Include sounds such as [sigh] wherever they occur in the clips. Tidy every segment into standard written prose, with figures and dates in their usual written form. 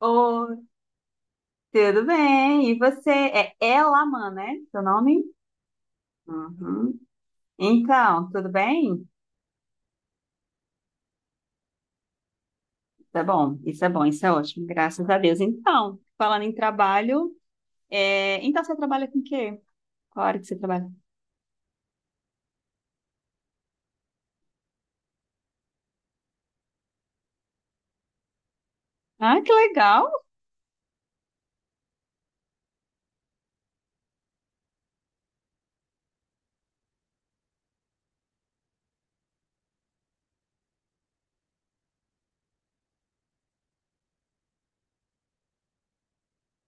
Oi, tudo bem? E você? É Elaman, né? Seu nome? Uhum. Então, tudo bem? Tá bom, isso é ótimo, graças a Deus. Então, falando em trabalho, então você trabalha com o quê? Qual área que você trabalha? Ah, que legal!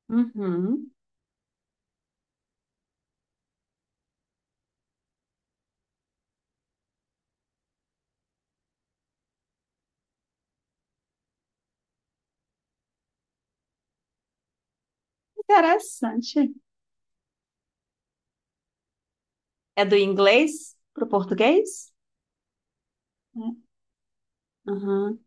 Uhum. Interessante. É do inglês para o português? É. Uhum.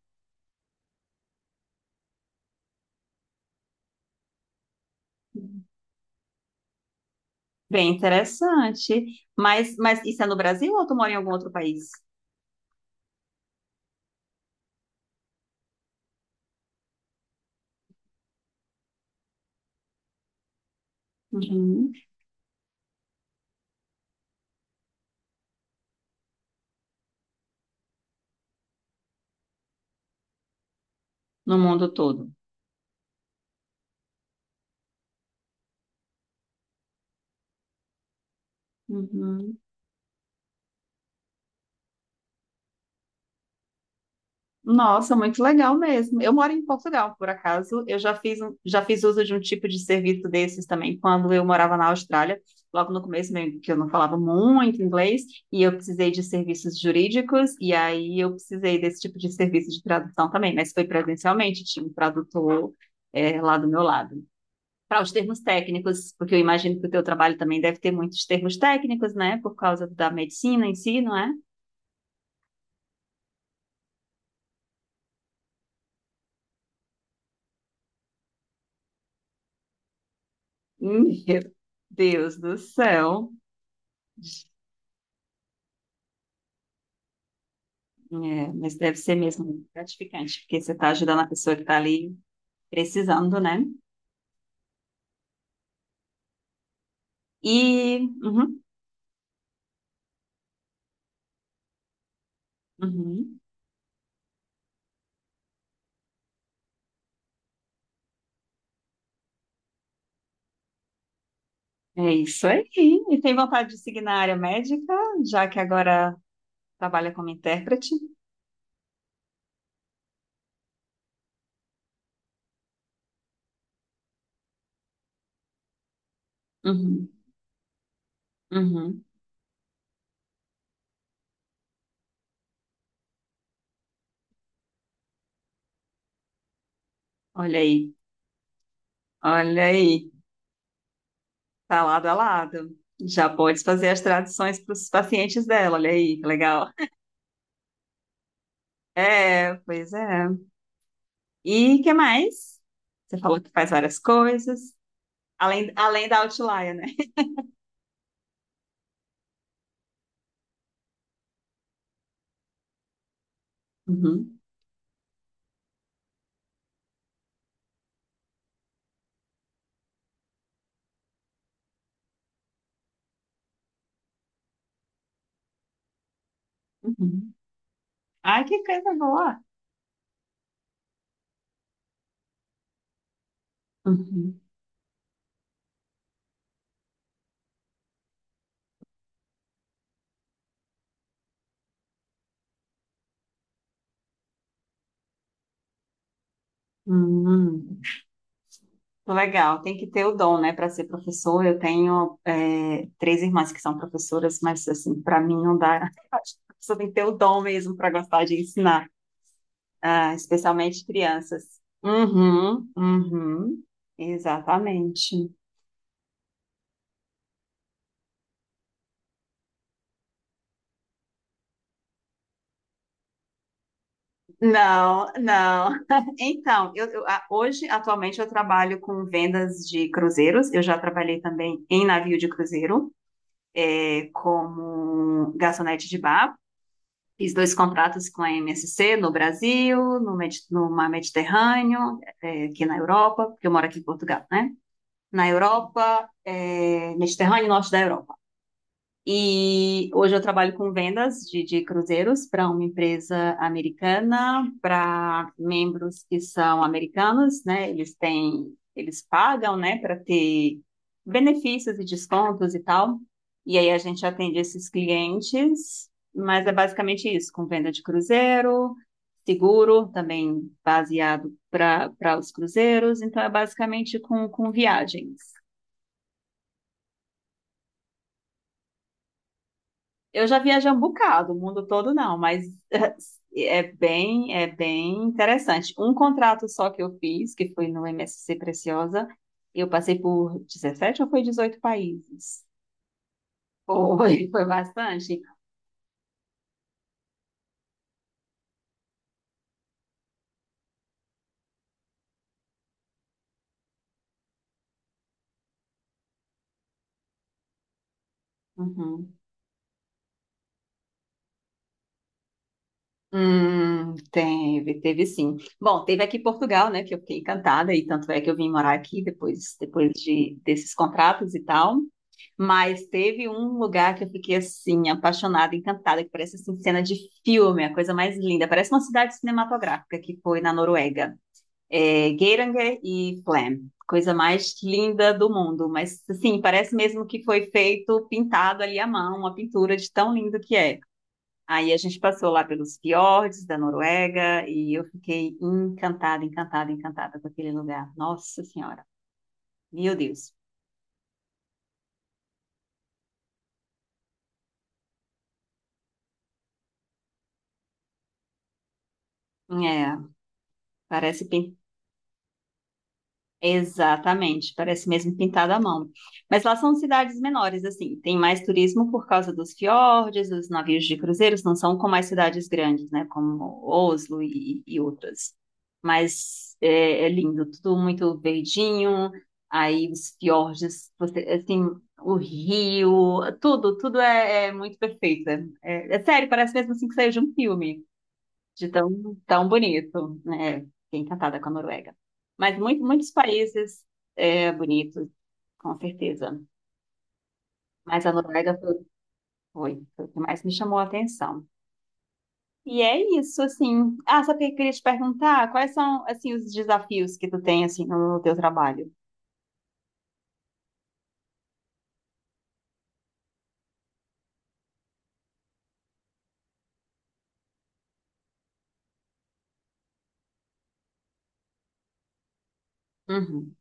Bem interessante. Mas isso é no Brasil ou tu mora em algum outro país? Uhum. No mundo todo? Uhum. Nossa, muito legal mesmo. Eu moro em Portugal, por acaso. Eu já fiz uso de um tipo de serviço desses também quando eu morava na Austrália. Logo no começo, meio que eu não falava muito inglês, e eu precisei de serviços jurídicos, e aí eu precisei desse tipo de serviço de tradução também, mas foi presencialmente, tinha um tradutor, lá do meu lado. Para os termos técnicos, porque eu imagino que o teu trabalho também deve ter muitos termos técnicos, né? Por causa da medicina em si, não é? Meu Deus do céu. É, mas deve ser mesmo gratificante, porque você está ajudando a pessoa que está ali precisando, né? E uhum, uhum, é isso aí. E tem vontade de seguir na área médica, já que agora trabalha como intérprete? Uhum, uhum. Olha aí, olha aí, tá lado a lado. Já pode fazer as traduções para os pacientes dela, olha aí, que legal. É, pois é. E que mais? Você falou que faz várias coisas, além da Outlier, né? Uhum. Uhum. Ai, que coisa boa! Uhum. Hum, legal, tem que ter o dom, né, para ser professor. Eu tenho três irmãs que são professoras, mas assim, para mim não dá. [laughs] Você tem que ter o dom mesmo para gostar de ensinar, ah, especialmente crianças. Uhum, uhum, exatamente. Não, não. [laughs] Então, hoje, atualmente, eu trabalho com vendas de cruzeiros. Eu já trabalhei também em navio de cruzeiro. Como garçonete de bar. Fiz dois contratos com a MSC no Brasil, no Mar Mediterrâneo, aqui na Europa, porque eu moro aqui em Portugal, né? Na Europa, Mediterrâneo e Norte da Europa. E hoje eu trabalho com vendas de cruzeiros para uma empresa americana, para membros que são americanos, né? Eles pagam, né, para ter benefícios e descontos e tal. E aí a gente atende esses clientes, mas é basicamente isso, com venda de cruzeiro, seguro, também baseado para os cruzeiros, então é basicamente com viagens. Eu já viajei um bocado, o mundo todo não, mas [laughs] é bem interessante. Um contrato só que eu fiz, que foi no MSC Preciosa, eu passei por 17 ou foi 18 países? Foi, [laughs] foi bastante. Uhum. Teve sim. Bom, teve aqui em Portugal, né, que eu fiquei encantada, e tanto é que eu vim morar aqui depois, desses contratos e tal. Mas teve um lugar que eu fiquei assim, apaixonada, encantada, que parece assim, cena de filme, a coisa mais linda. Parece uma cidade cinematográfica que foi na Noruega. É, Geiranger e Flem. Coisa mais linda do mundo. Mas assim, parece mesmo que foi feito, pintado ali à mão, uma pintura de tão lindo que é. Aí a gente passou lá pelos fiordes da Noruega e eu fiquei encantada, encantada, encantada com aquele lugar. Nossa Senhora, meu Deus. É, parece pin- exatamente, parece mesmo pintado à mão. Mas lá são cidades menores, assim, tem mais turismo por causa dos fiordes, dos navios de cruzeiros, não são como as cidades grandes, né, como Oslo e outras. Mas é lindo, tudo muito verdinho, aí os fiordes, assim, o rio, tudo é muito perfeito. É sério, parece mesmo assim que saiu de um filme de tão, tão bonito, né? Fiquei encantada com a Noruega. Mas muitos países bonitos, com certeza. Mas a Noruega foi o que mais me chamou a atenção. E é isso, assim. Ah, sabe o que eu queria te perguntar? Quais são, assim, os desafios que tu tem, assim, no teu trabalho? Uhum,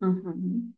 uhum,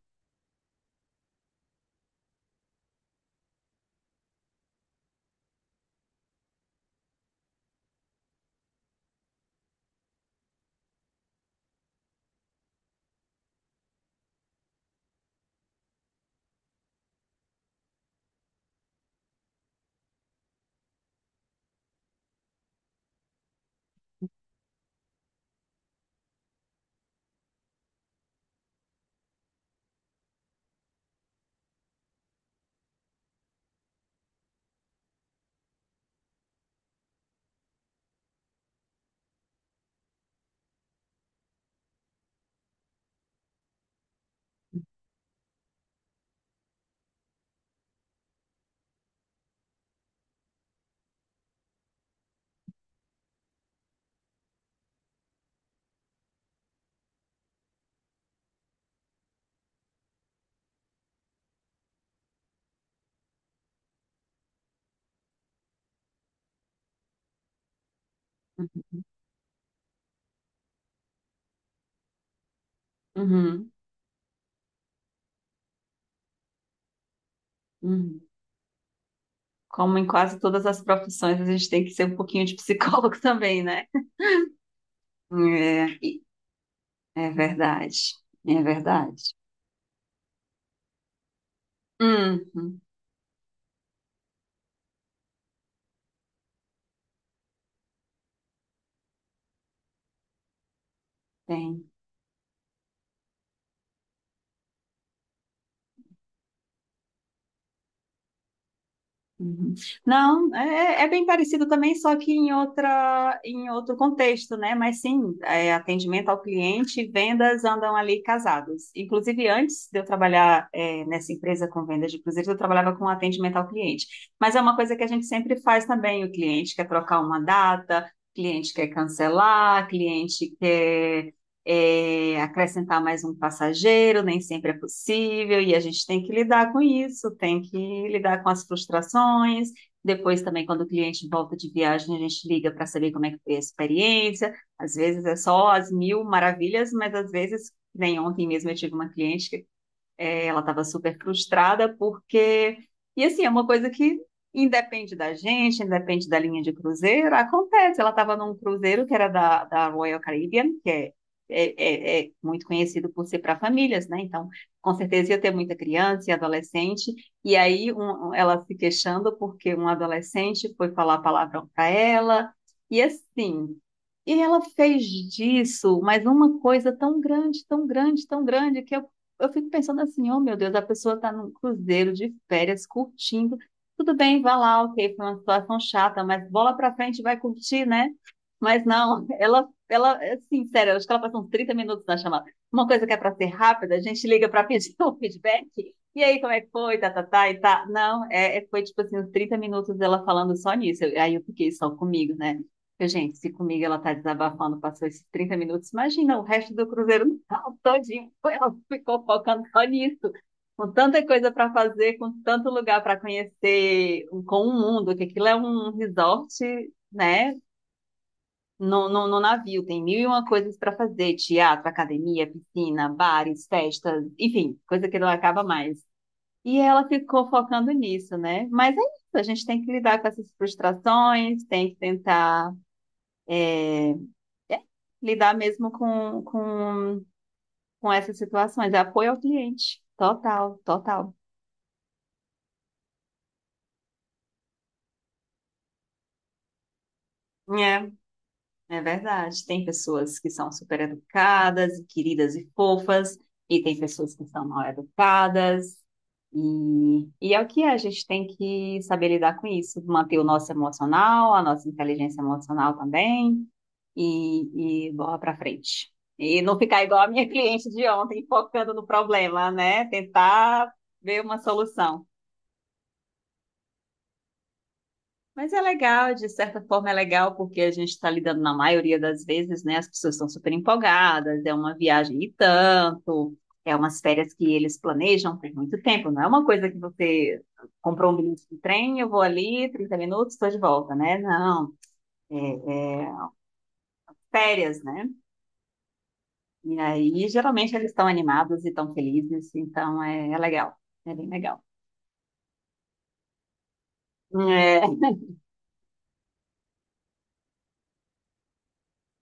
uhum, uhum, uhum. Como em quase todas as profissões, a gente tem que ser um pouquinho de psicólogo [laughs] também, né? É, é verdade, é verdade. Uhum, tem. Uhum. Não, é bem parecido também, só que em em outro contexto, né? Mas sim, atendimento ao cliente e vendas andam ali casados. Inclusive, antes de eu trabalhar, nessa empresa com vendas de cruzeiros, eu trabalhava com atendimento ao cliente. Mas é uma coisa que a gente sempre faz também. O cliente quer trocar uma data, cliente quer cancelar, cliente quer acrescentar mais um passageiro, nem sempre é possível, e a gente tem que lidar com isso, tem que lidar com as frustrações. Depois também, quando o cliente volta de viagem, a gente liga para saber como é que foi a experiência. Às vezes é só as mil maravilhas, mas às vezes, nem ontem mesmo eu tive uma cliente que ela estava super frustrada porque. E assim, é uma coisa que independe da gente, independe da linha de cruzeiro, acontece. Ela estava num cruzeiro que era da Royal Caribbean, que é, é muito conhecido por ser para famílias, né? Então, com certeza ia ter muita criança e adolescente. E aí, ela se queixando porque um adolescente foi falar palavrão para ela. E assim, e ela fez disso, mas uma coisa tão grande, tão grande, tão grande, que eu fico pensando assim, oh meu Deus, a pessoa está num cruzeiro de férias, curtindo. Tudo bem, vai lá, ok, foi uma situação chata, mas bola pra frente, vai curtir, né? Mas não, [laughs] ela, é assim, sério, eu acho que ela passou uns 30 minutos na chamada. Uma coisa que é para ser rápida, a gente liga para pedir [laughs] o feedback. E aí, como é que foi? Tá, tá, tá, e tá. Não, foi tipo assim, uns 30 minutos dela falando só nisso. Aí eu fiquei só comigo, né? Porque, gente, se comigo ela tá desabafando, passou esses 30 minutos, imagina o resto do Cruzeiro [laughs] no tal todinho. Ela ficou focando só nisso. Com tanta coisa para fazer, com tanto lugar para conhecer, com o mundo, que aquilo é um resort, né? No navio, tem mil e uma coisas para fazer: teatro, academia, piscina, bares, festas, enfim, coisa que não acaba mais. E ela ficou focando nisso, né? Mas é isso, a gente tem que lidar com essas frustrações, tem que tentar lidar mesmo com essas situações. É apoio ao cliente. Total, total. É, é verdade. Tem pessoas que são super educadas, queridas e fofas, e tem pessoas que são mal educadas. E é o que é, a gente tem que saber lidar com isso, manter o nosso emocional, a nossa inteligência emocional também, e bola pra frente. E não ficar igual a minha [laughs] cliente de ontem, focando no problema, né? Tentar ver uma solução. Mas é legal, de certa forma é legal, porque a gente está lidando, na maioria das vezes, né? As pessoas estão super empolgadas, é uma viagem e tanto, é umas férias que eles planejam por muito tempo, não é uma coisa que você comprou um bilhete de trem, eu vou ali, 30 minutos, estou de volta, né? Não, é férias, né? E aí, geralmente, eles estão animados e estão felizes, então é legal, é bem legal. É,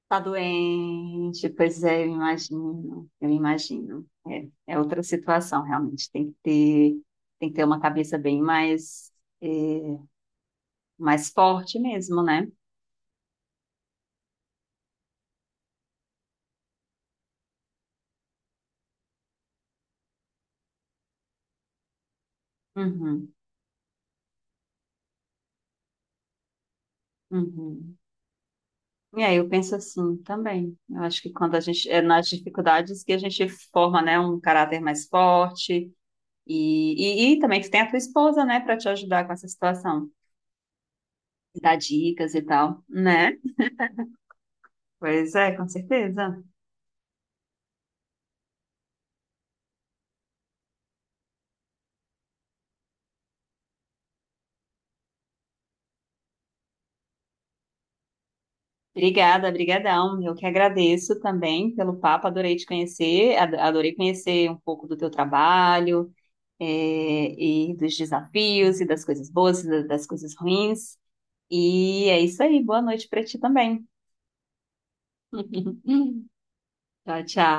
tá doente, pois é, eu imagino, eu imagino. É outra situação, realmente. Tem que ter uma cabeça bem mais, é, mais forte mesmo, né? Uhum, uhum. E aí eu penso assim também. Eu acho que quando a gente, é nas dificuldades que a gente forma, né, um caráter mais forte e também que tem a tua esposa, né, para te ajudar com essa situação, dar dicas e tal, né? Pois é, com certeza. Obrigada, brigadão. Eu que agradeço também pelo papo, adorei te conhecer, adorei conhecer um pouco do teu trabalho, é, e dos desafios, e das coisas boas, e das coisas ruins. E é isso aí, boa noite para ti também. [laughs] Tchau, tchau.